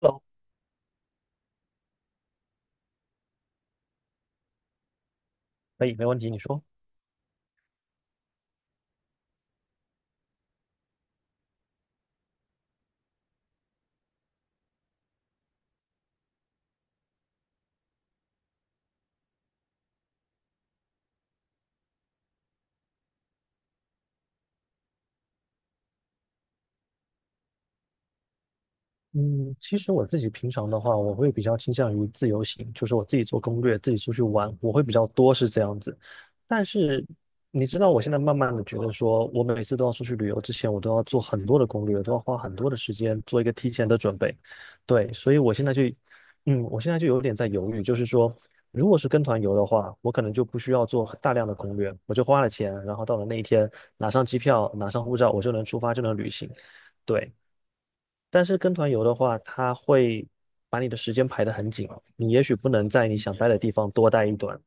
哦，可以，没问题，你说。嗯，其实我自己平常的话，我会比较倾向于自由行，就是我自己做攻略，自己出去玩，我会比较多是这样子。但是你知道，我现在慢慢的觉得说，我每次都要出去旅游之前，我都要做很多的攻略，都要花很多的时间做一个提前的准备。对，所以我现在就，嗯，我现在就有点在犹豫，就是说，如果是跟团游的话，我可能就不需要做大量的攻略，我就花了钱，然后到了那一天，拿上机票，拿上护照，我就能出发，就能旅行。对，但是跟团游的话，它会把你的时间排得很紧哦，你也许不能在你想待的地方多待一段。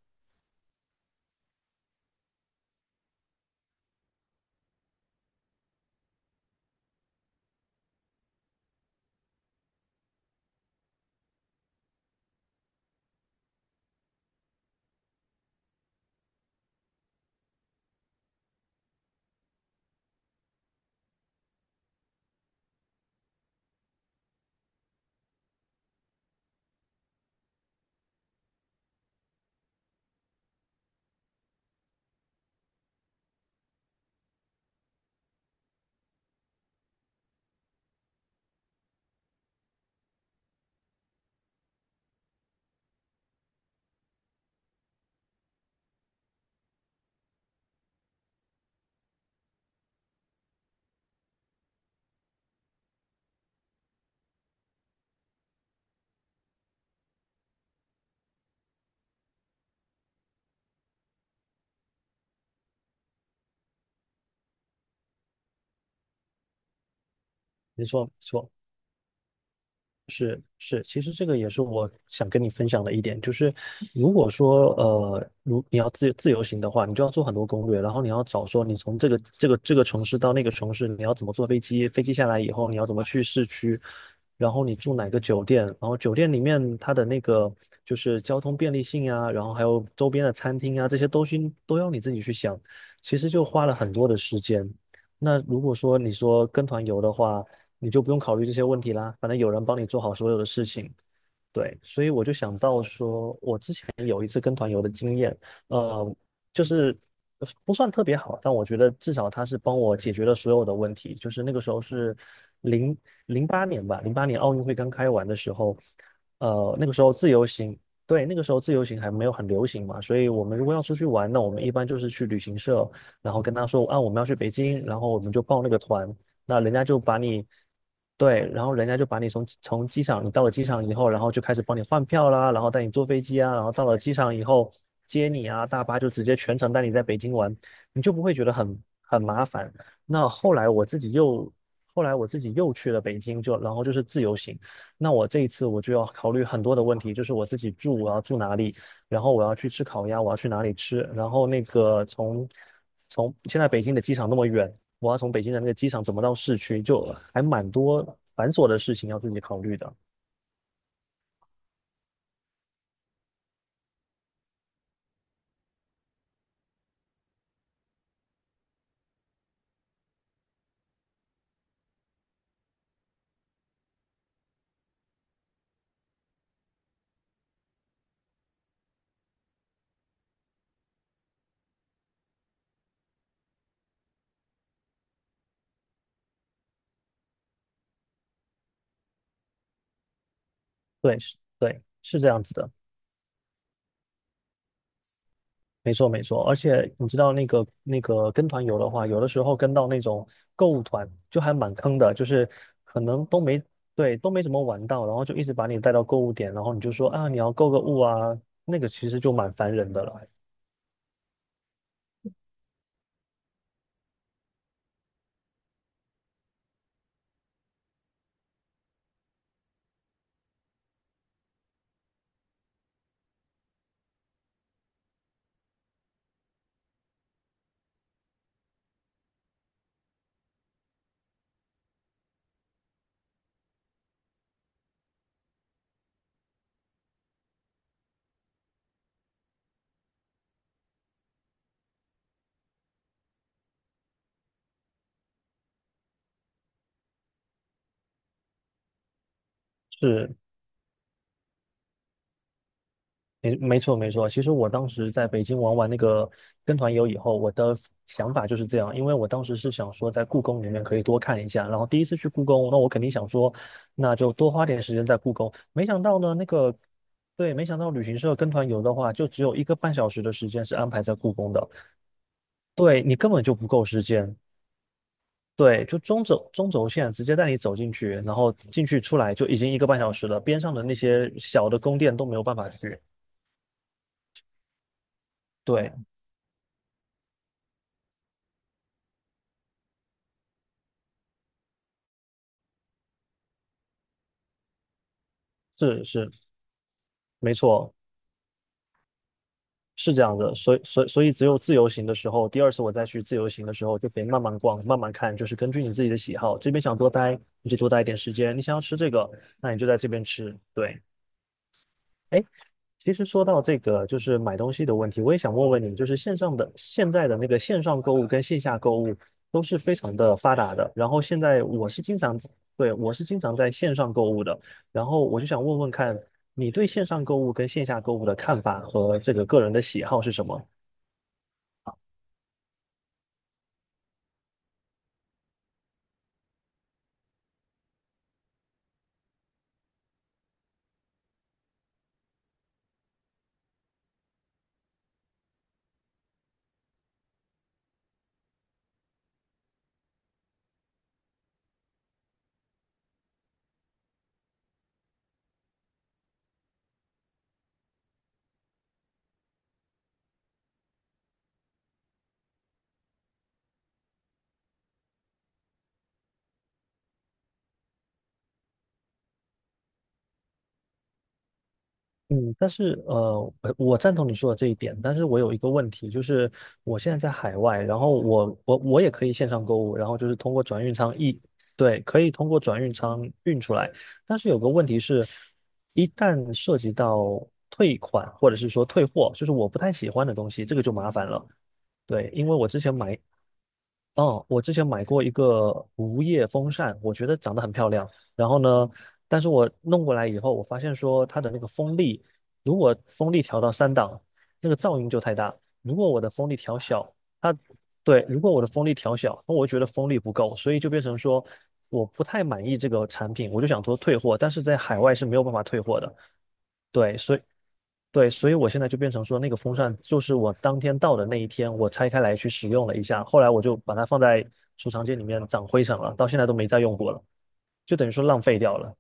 没错，没错。是，其实这个也是我想跟你分享的一点，就是如果说如你要自由行的话，你就要做很多攻略，然后你要找说你从这个城市到那个城市，你要怎么坐飞机，飞机下来以后你要怎么去市区，然后你住哪个酒店，然后酒店里面它的那个就是交通便利性啊，然后还有周边的餐厅啊，这些东西都要你自己去想，其实就花了很多的时间。那如果说你说跟团游的话，你就不用考虑这些问题啦，反正有人帮你做好所有的事情。对，所以我就想到说，我之前有一次跟团游的经验，呃，就是不算特别好，但我觉得至少他是帮我解决了所有的问题。就是那个时候是零零八年奥运会刚开完的时候，那个时候自由行，对，那个时候自由行还没有很流行嘛，所以我们如果要出去玩，那我们一般就是去旅行社，然后跟他说啊，我们要去北京，然后我们就报那个团，那人家就把你，对，然后人家就把你从机场，你到了机场以后，然后就开始帮你换票啦，然后带你坐飞机啊，然后到了机场以后接你啊，大巴就直接全程带你在北京玩，你就不会觉得很麻烦。那后来我自己又，后来我自己又去了北京，就然后就是自由行。那我这一次我就要考虑很多的问题，就是我自己住我要住哪里，然后我要去吃烤鸭，我要去哪里吃，然后那个从现在北京的机场那么远，我要从北京的那个机场怎么到市区，就还蛮多繁琐的事情要自己考虑的。对，是，对，是这样子的，没错，没错。而且你知道那个跟团游的话，有的时候跟到那种购物团就还蛮坑的，就是可能都没对都没怎么玩到，然后就一直把你带到购物点，然后你就说啊你要购个物啊，那个其实就蛮烦人的了。是，没错没错，其实我当时在北京玩完那个跟团游以后，我的想法就是这样，因为我当时是想说在故宫里面可以多看一下，然后第1次去故宫，那我肯定想说，那就多花点时间在故宫。没想到呢,对，没想到旅行社跟团游的话，就只有一个半小时的时间是安排在故宫的，对你根本就不够时间。对，就中轴线直接带你走进去，然后进去出来就已经一个半小时了，边上的那些小的宫殿都没有办法去。对，是是。没错，是这样的，所以只有自由行的时候，第2次我再去自由行的时候，就可以慢慢逛，慢慢看，就是根据你自己的喜好，这边想多待，你就多待一点时间，你想要吃这个，那你就在这边吃。对，哎，其实说到这个，就是买东西的问题，我也想问问你，就是线上的现在的那个线上购物跟线下购物都是非常的发达的。然后现在我是经常，对，我是经常在线上购物的。然后我就想问问看，你对线上购物跟线下购物的看法和这个个人的喜好是什么？嗯，但是我赞同你说的这一点，但是我有一个问题，就是我现在在海外，然后我也可以线上购物，然后就是通过转运仓一，对，可以通过转运仓运出来，但是有个问题是，一旦涉及到退款或者是说退货，就是我不太喜欢的东西，这个就麻烦了。对，因为我之前买哦，我之前买过一个无叶风扇，我觉得长得很漂亮。然后呢，但是我弄过来以后，我发现说它的那个风力，如果风力调到3档，那个噪音就太大。如果我的风力调小，它对，如果我的风力调小，那我觉得风力不够，所以就变成说我不太满意这个产品，我就想说退货，但是在海外是没有办法退货的。对，所以对，所以我现在就变成说，那个风扇就是我当天到的那一天，我拆开来去使用了一下，后来我就把它放在储藏间里面长灰尘了，到现在都没再用过了，就等于说浪费掉了。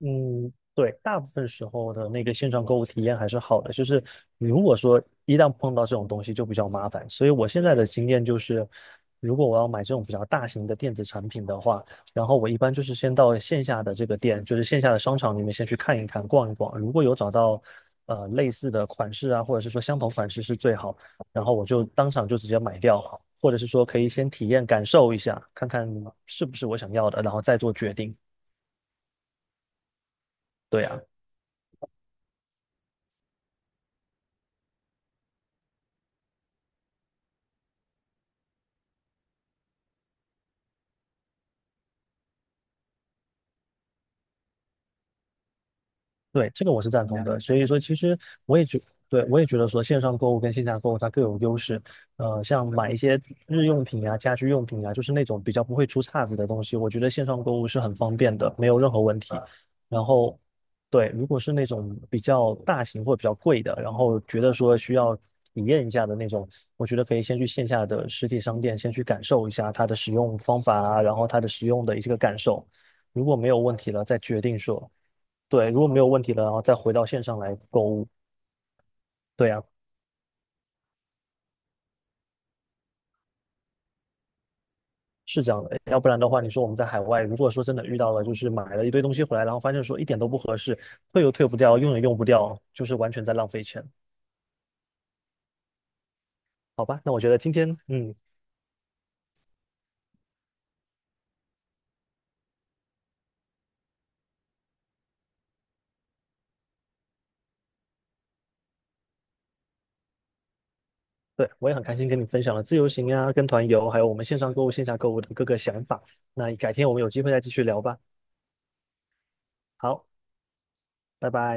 嗯，对，大部分时候的那个线上购物体验还是好的，就是你如果说一旦碰到这种东西就比较麻烦，所以我现在的经验就是，如果我要买这种比较大型的电子产品的话，然后我一般就是先到线下的这个店，就是线下的商场里面先去看一看、逛一逛，如果有找到类似的款式啊，或者是说相同款式是最好，然后我就当场就直接买掉，或者是说可以先体验感受一下，看看是不是我想要的，然后再做决定。对呀。对，这个我是赞同的。所以说，其实我也觉，对，我也觉得说线上购物跟线下购物它各有优势。呃，像买一些日用品啊、家居用品啊，就是那种比较不会出岔子的东西，我觉得线上购物是很方便的，没有任何问题。然后，对，如果是那种比较大型或者比较贵的，然后觉得说需要体验一下的那种，我觉得可以先去线下的实体商店先去感受一下它的使用方法啊，然后它的使用的一些个感受。如果没有问题了，再决定说。对，如果没有问题了，然后再回到线上来购物。对呀，是这样的。要不然的话，你说我们在海外，如果说真的遇到了，就是买了一堆东西回来，然后发现说一点都不合适，退又退不掉，用也用不掉，就是完全在浪费钱。好吧，那我觉得今天，嗯，对，我也很开心跟你分享了自由行呀、跟团游，还有我们线上购物、线下购物的各个想法。那改天我们有机会再继续聊吧。好，拜拜。